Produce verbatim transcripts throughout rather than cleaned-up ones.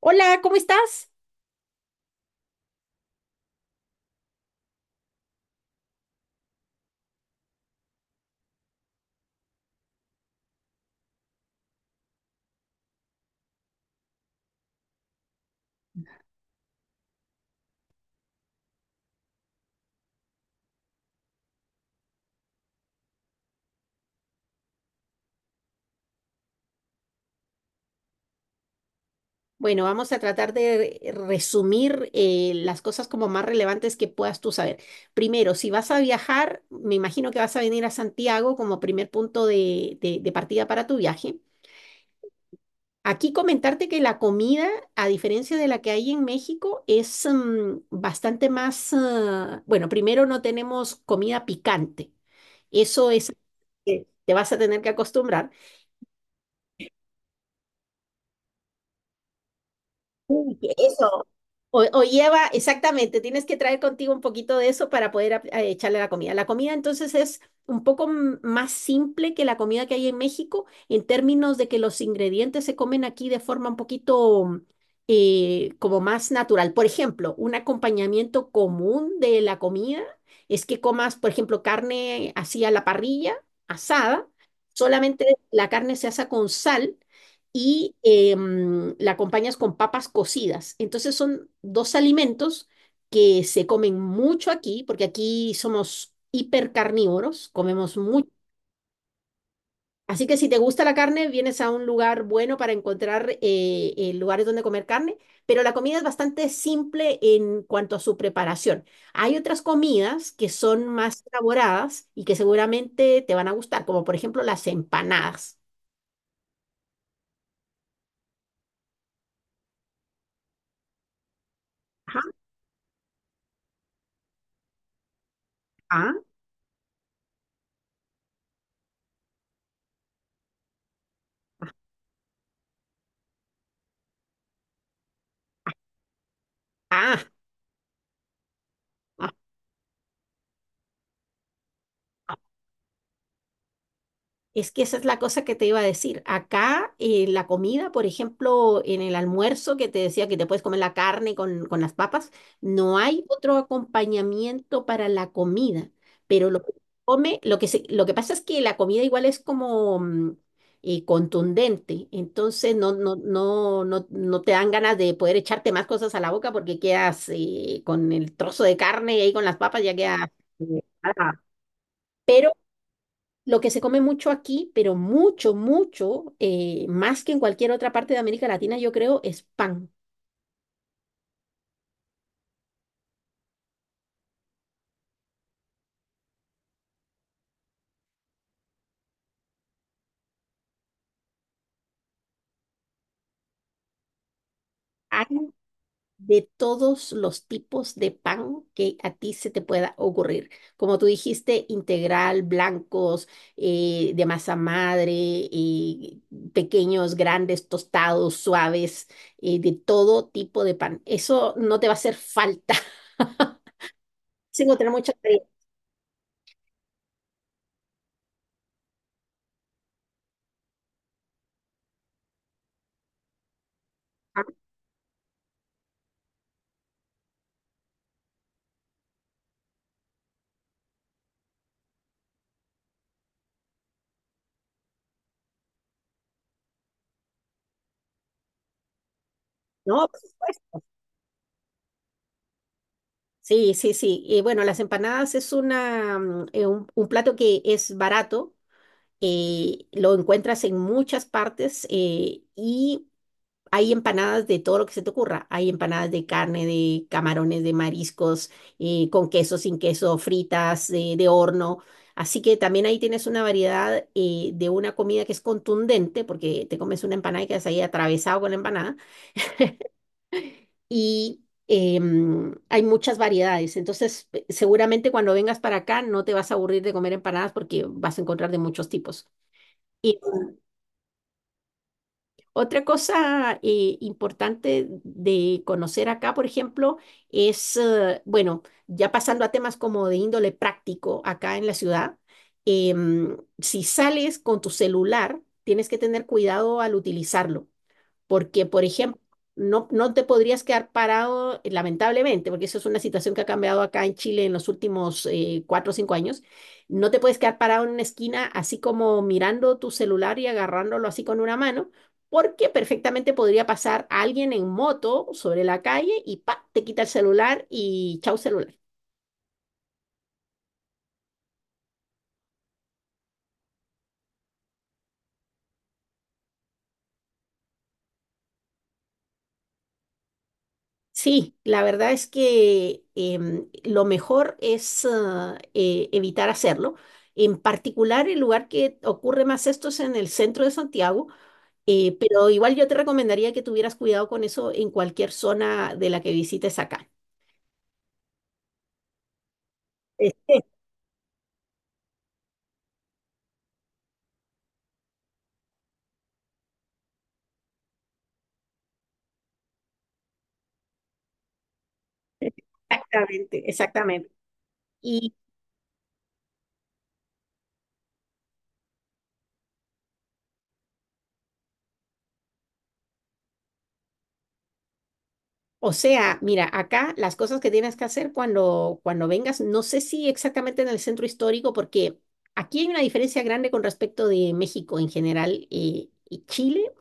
Hola, ¿cómo estás? Bueno, vamos a tratar de re- resumir eh, las cosas como más relevantes que puedas tú saber. Primero, si vas a viajar, me imagino que vas a venir a Santiago como primer punto de, de- de partida para tu viaje. Aquí comentarte que la comida, a diferencia de la que hay en México, es mm, bastante más, ah, bueno, primero no tenemos comida picante. Eso es, eh, te vas a tener que acostumbrar. Uy, que eso. O, o lleva, exactamente, tienes que traer contigo un poquito de eso para poder ap- a- echarle a la comida. La comida entonces es un poco m- más simple que la comida que hay en México en términos de que los ingredientes se comen aquí de forma un poquito eh, como más natural. Por ejemplo, un acompañamiento común de la comida es que comas, por ejemplo, carne así a la parrilla, asada, solamente la carne se asa con sal y eh, mm, la acompañas con papas cocidas. Entonces son dos alimentos que se comen mucho aquí, porque aquí somos hipercarnívoros, comemos mucho. Así que si te gusta la carne, vienes a un lugar bueno para encontrar eh, eh, lugares donde comer carne, pero la comida es bastante simple en cuanto a su preparación. Hay otras comidas que son más elaboradas y que seguramente te van a gustar, como por ejemplo las empanadas. Ajá, ajá, ajá, ajá. Es que esa es la cosa que te iba a decir. Acá eh, la comida, por ejemplo, en el almuerzo que te decía que te puedes comer la carne con, con las papas, no hay otro acompañamiento para la comida. Pero lo que se come, lo que se- lo que pasa es que la comida igual es como mm, eh, contundente. Entonces no, no, no, no, no te dan ganas de poder echarte más cosas a la boca porque quedas eh, con el trozo de carne y ahí con las papas ya quedas. eh, lo que se come mucho aquí, pero mucho, mucho, eh, más que en cualquier otra parte de América Latina, yo creo, es pan. Hay de todos los tipos de pan que a ti se te pueda ocurrir. Como tú dijiste, integral, blancos, eh, de masa madre, y pequeños, grandes, tostados, suaves, eh, de todo tipo de pan. Eso no te va a hacer falta. Sin encontrar mucha variedad, ¿no? Por supuesto. Sí, sí, sí. Eh, bueno, las empanadas es una, mm, eh, un, un plato que es barato, eh, lo encuentras en muchas partes eh, y hay empanadas de todo lo que se te ocurra. Hay empanadas de carne, de camarones, de mariscos, eh, con queso, sin queso, fritas, eh, de horno. Así que también ahí tienes una variedad eh, de una comida que es contundente, porque te comes una empanada y quedas ahí atravesado con la empanada y em, hay muchas variedades. Entonces, pe- seguramente cuando vengas para acá no te vas a aburrir de comer empanadas porque vas a encontrar de muchos tipos. Y otra cosa eh, importante de conocer acá, por ejemplo, es, eh, bueno, ya pasando a temas como de índole práctico acá en la ciudad, em, si sales con tu celular, tienes que tener cuidado al utilizarlo. Porque, por ejemplo, no, no te podrías quedar parado, eh, lamentablemente, porque eso es una situación que ha cambiado acá en Chile en los últimos eh, cuatro o cinco años. No te puedes quedar parado en una esquina así como mirando tu celular y agarrándolo así con una mano, porque perfectamente podría pasar alguien en moto sobre la calle y pa, te quita el celular y chau celular. Sí, la verdad es que em, lo mejor es ah, eh, evitar hacerlo. En particular, el lugar que ocurre más esto es en el centro de Santiago, eh, pero igual yo te recomendaría que tuvieras cuidado con eso en cualquier zona de la que visites acá. Es- Exactamente, exactamente. O sea, mira, acá las cosas que tienes que hacer cuando, cuando vengas, no sé si exactamente en el centro histórico, porque aquí hay una diferencia grande con respecto de México en general eh, y Chile.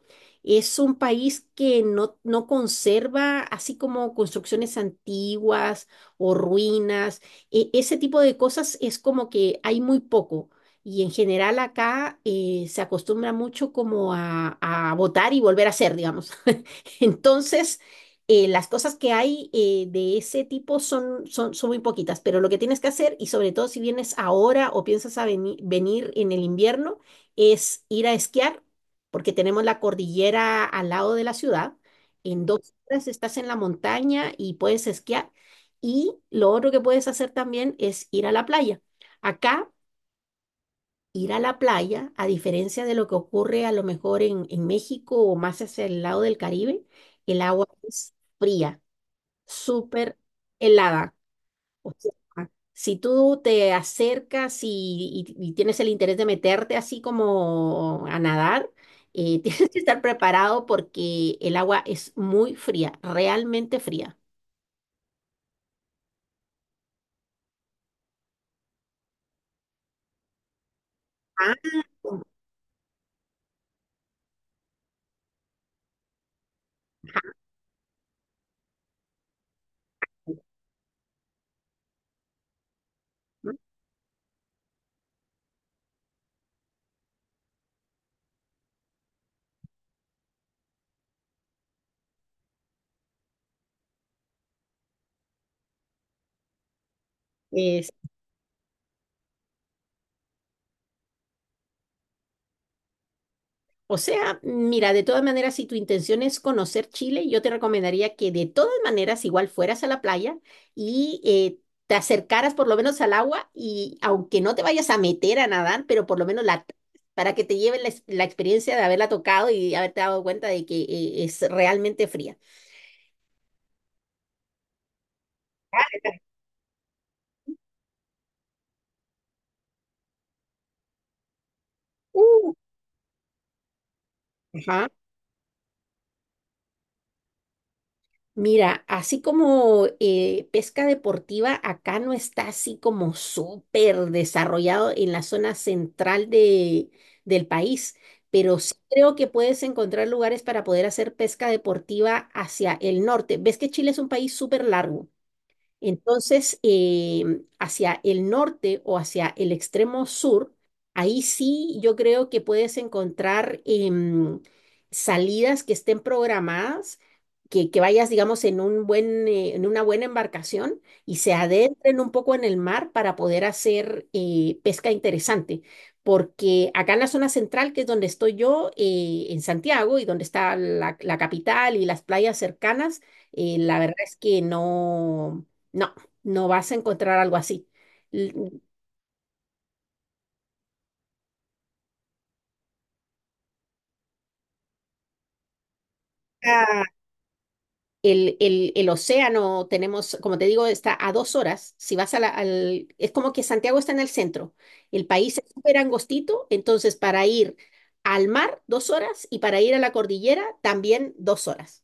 Es un país que no, no conserva así como construcciones antiguas o ruinas. E- ese tipo de cosas es como que hay muy poco. Y en general acá eh, se acostumbra mucho como a, a votar y volver a hacer, digamos. Entonces, eh, las cosas que hay eh, de ese tipo son, son, son muy poquitas, pero lo que tienes que hacer, y sobre todo si vienes ahora o piensas a veni- venir en el invierno, es ir a esquiar, porque tenemos la cordillera al lado de la ciudad. En dos horas estás en la montaña y puedes esquiar. Y lo otro que puedes hacer también es ir a la playa. Acá ir a la playa, a diferencia de lo que ocurre a lo mejor en, en México o más hacia el lado del Caribe, el agua es fría, súper helada. O sea, si tú te acercas y, y- y tienes el interés de meterte así como a nadar, eh, tienes que estar preparado porque el agua es muy fría, realmente fría. Ah, eh, O sea, mira, de todas maneras, si tu intención es conocer Chile, yo te recomendaría que de todas maneras igual fueras a la playa y eh, te acercaras por lo menos al agua y aunque no te vayas a meter a nadar, pero por lo menos la toques para que te lleven la, ex- la experiencia de haberla tocado y haberte dado cuenta de que eh, es realmente fría. Uh, Ajá. Mira, así como eh, pesca deportiva, acá no está así como súper desarrollado en la zona central de, del país, pero sí creo que puedes encontrar lugares para poder hacer pesca deportiva hacia el norte. Ves que Chile es un país súper largo. Entonces, eh, hacia el norte o hacia el extremo sur, ahí sí yo creo que puedes encontrar em, salidas que estén programadas, que, que vayas, digamos, en un buen, eh, en una buena embarcación y se adentren un poco en el mar para poder hacer eh, pesca interesante. Porque acá en la zona central, que es donde estoy yo, eh, en Santiago, y donde está la la capital y las playas cercanas, eh, la verdad es que no. No, no vas a encontrar algo así. L- Ah, El, el, el océano tenemos, como te digo, está a dos horas. Si vas a la- al, es como que Santiago está en el centro. El país es súper angostito, entonces para ir al mar, dos horas, y para ir a la cordillera, también dos horas.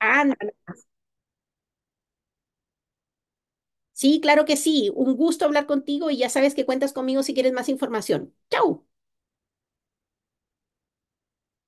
Anda, sí, claro que sí. Un gusto hablar contigo y ya sabes que cuentas conmigo si quieres más información. ¡Chao!